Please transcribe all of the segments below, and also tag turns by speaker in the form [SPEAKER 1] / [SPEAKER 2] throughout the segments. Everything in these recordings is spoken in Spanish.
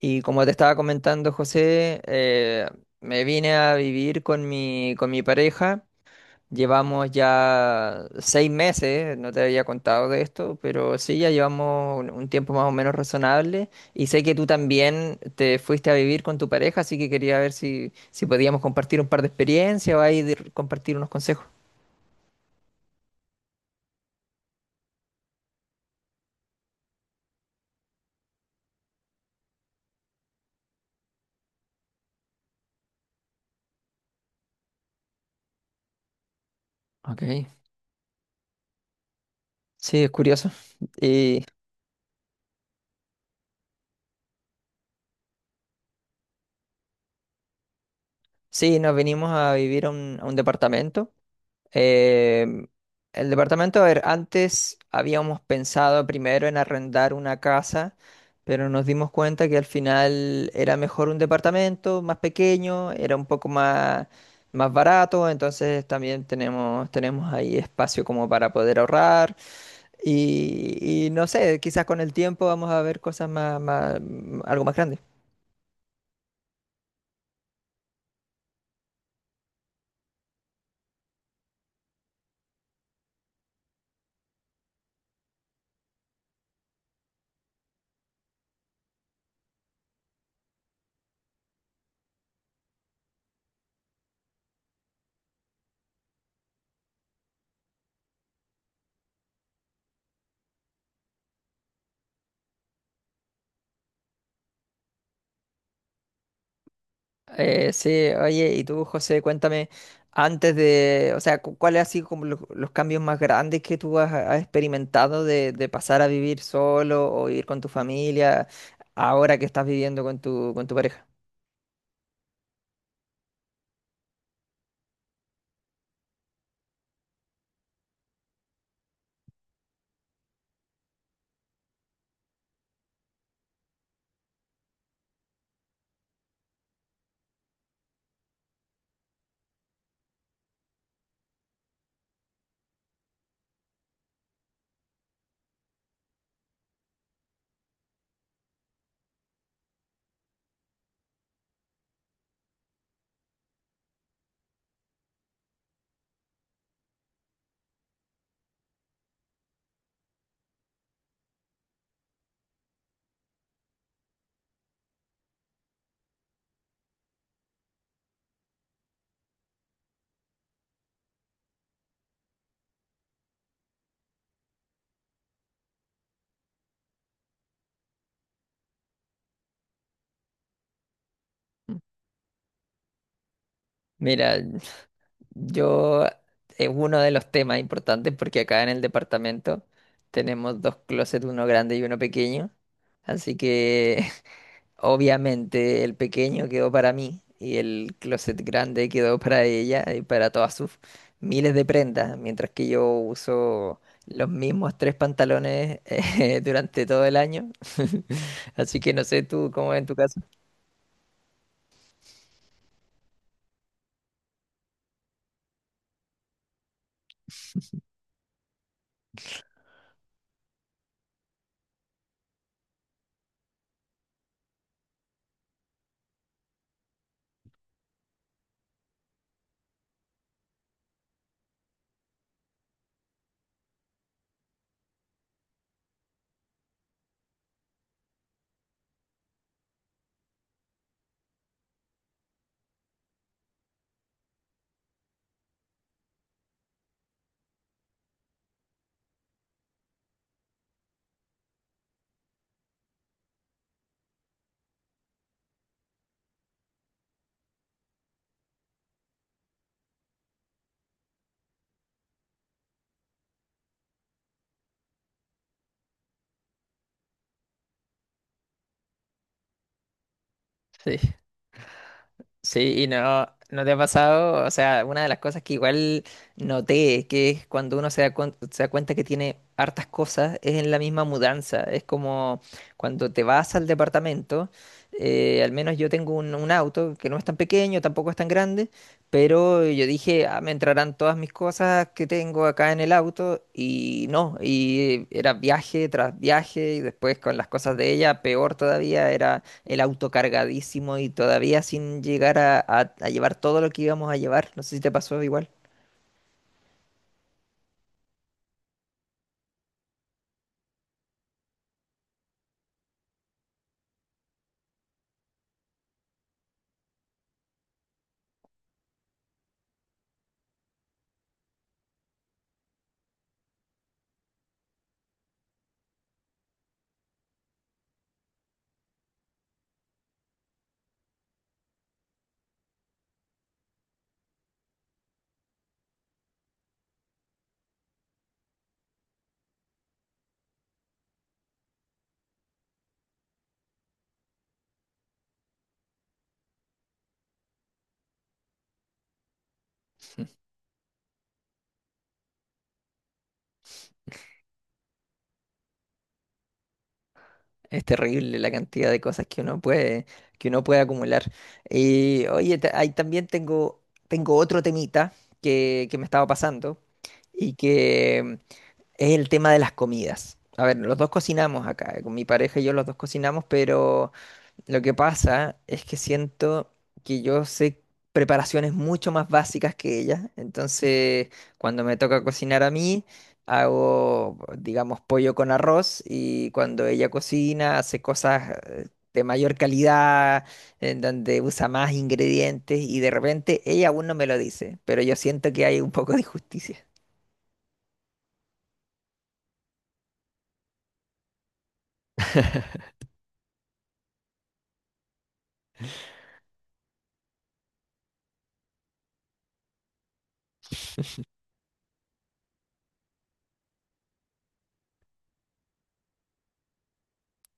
[SPEAKER 1] Y como te estaba comentando, José, me vine a vivir con con mi pareja. Llevamos ya 6 meses, no te había contado de esto, pero sí, ya llevamos un tiempo más o menos razonable. Y sé que tú también te fuiste a vivir con tu pareja, así que quería ver si podíamos compartir un par de experiencias o compartir unos consejos. Ok, sí, es curioso. Y sí, nos venimos a vivir a un departamento. Em, el departamento, a ver, antes habíamos pensado primero en arrendar una casa, pero nos dimos cuenta que al final era mejor un departamento más pequeño, era un poco más barato, entonces también tenemos ahí espacio como para poder ahorrar. Y no sé, quizás con el tiempo vamos a ver cosas algo más grande. Sí, oye, y tú, José, cuéntame, antes de, o sea, cu- ¿cuáles han sido como los cambios más grandes que tú has experimentado de pasar a vivir solo o vivir con tu familia ahora que estás viviendo con tu pareja? Mira, yo es uno de los temas importantes porque acá en el departamento tenemos dos closets, uno grande y uno pequeño, así que obviamente el pequeño quedó para mí y el closet grande quedó para ella y para todas sus miles de prendas, mientras que yo uso los mismos 3 pantalones durante todo el año. Así que no sé tú cómo es en tu caso. Sí, y no, no te ha pasado, o sea, una de las cosas que igual noté, que es cuando uno se da cuenta que tiene hartas cosas, es en la misma mudanza, es como cuando te vas al departamento, al menos yo tengo un auto que no es tan pequeño, tampoco es tan grande, pero yo dije, ah, me entrarán todas mis cosas que tengo acá en el auto, y no, y era viaje tras viaje, y después con las cosas de ella, peor todavía, era el auto cargadísimo y todavía sin llegar a llevar todo lo que íbamos a llevar. No sé si te pasó igual. Es terrible la cantidad de cosas que uno que uno puede acumular. Y oye, tengo otro temita que me estaba pasando y que es el tema de las comidas. A ver, los dos cocinamos acá, con mi pareja y yo los dos cocinamos, pero lo que pasa es que siento que yo sé preparaciones mucho más básicas que ella. Entonces, cuando me toca cocinar a mí, hago, digamos, pollo con arroz y cuando ella cocina, hace cosas de mayor calidad, en donde usa más ingredientes y de repente ella aún no me lo dice, pero yo siento que hay un poco de injusticia.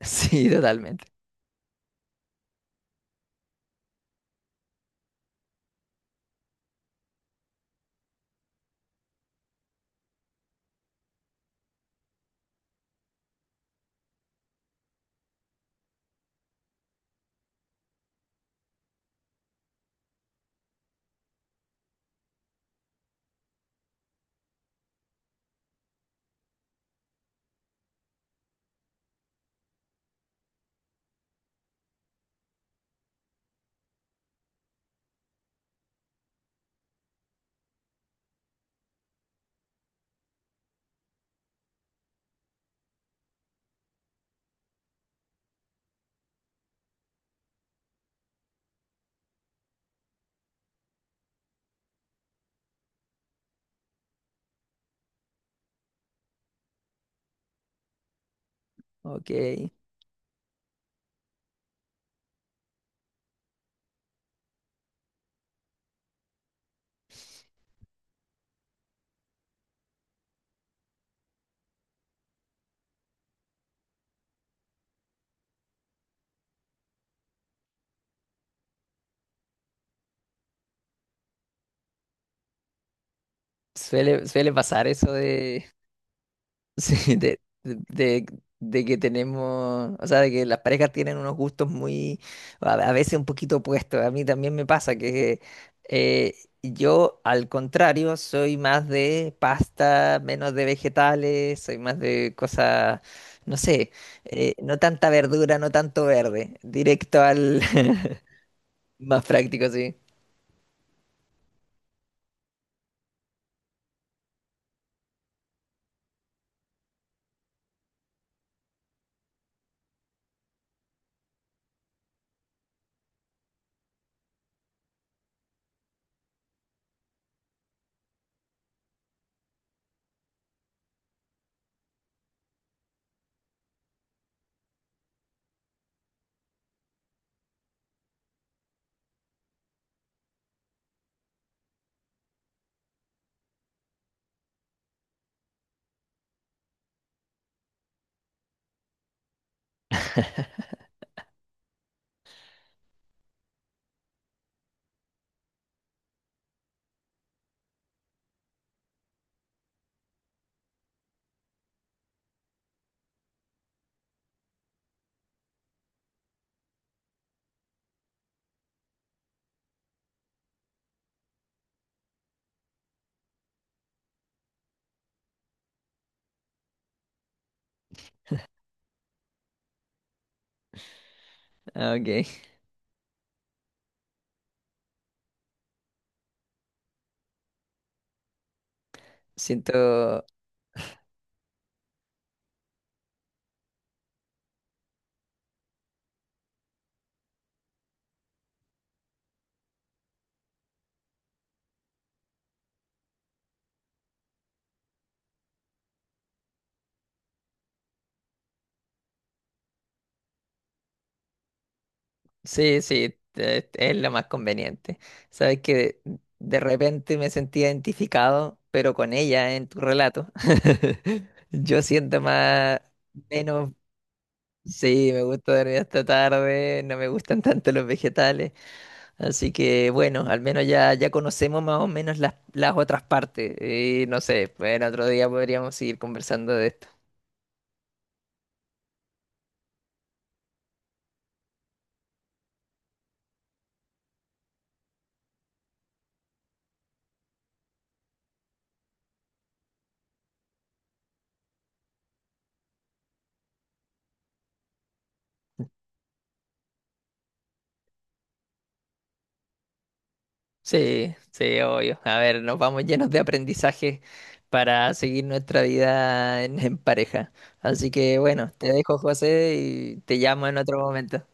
[SPEAKER 1] Sí, totalmente. Ok. Suele, suele pasar eso de Sí, de que tenemos, o sea, de que las parejas tienen unos gustos muy, a veces un poquito opuestos. A mí también me pasa que eh, yo, al contrario, soy más de pasta, menos de vegetales, soy más de cosas, no sé, no tanta verdura, no tanto verde, directo al más práctico, sí. Ah, ok, siento. Sí, sí, es lo más conveniente. Sabes que de repente me sentí identificado, pero con ella en tu relato. Yo siento más, menos, sí, me gusta dormir hasta tarde, no me gustan tanto los vegetales. Así que bueno, al menos ya, ya conocemos más o menos las otras partes. Y no sé, pues en otro día podríamos seguir conversando de esto. Sí, sí, obvio. A ver, nos vamos llenos de aprendizaje para seguir nuestra vida en pareja. Así que bueno, te dejo, José, y te llamo en otro momento.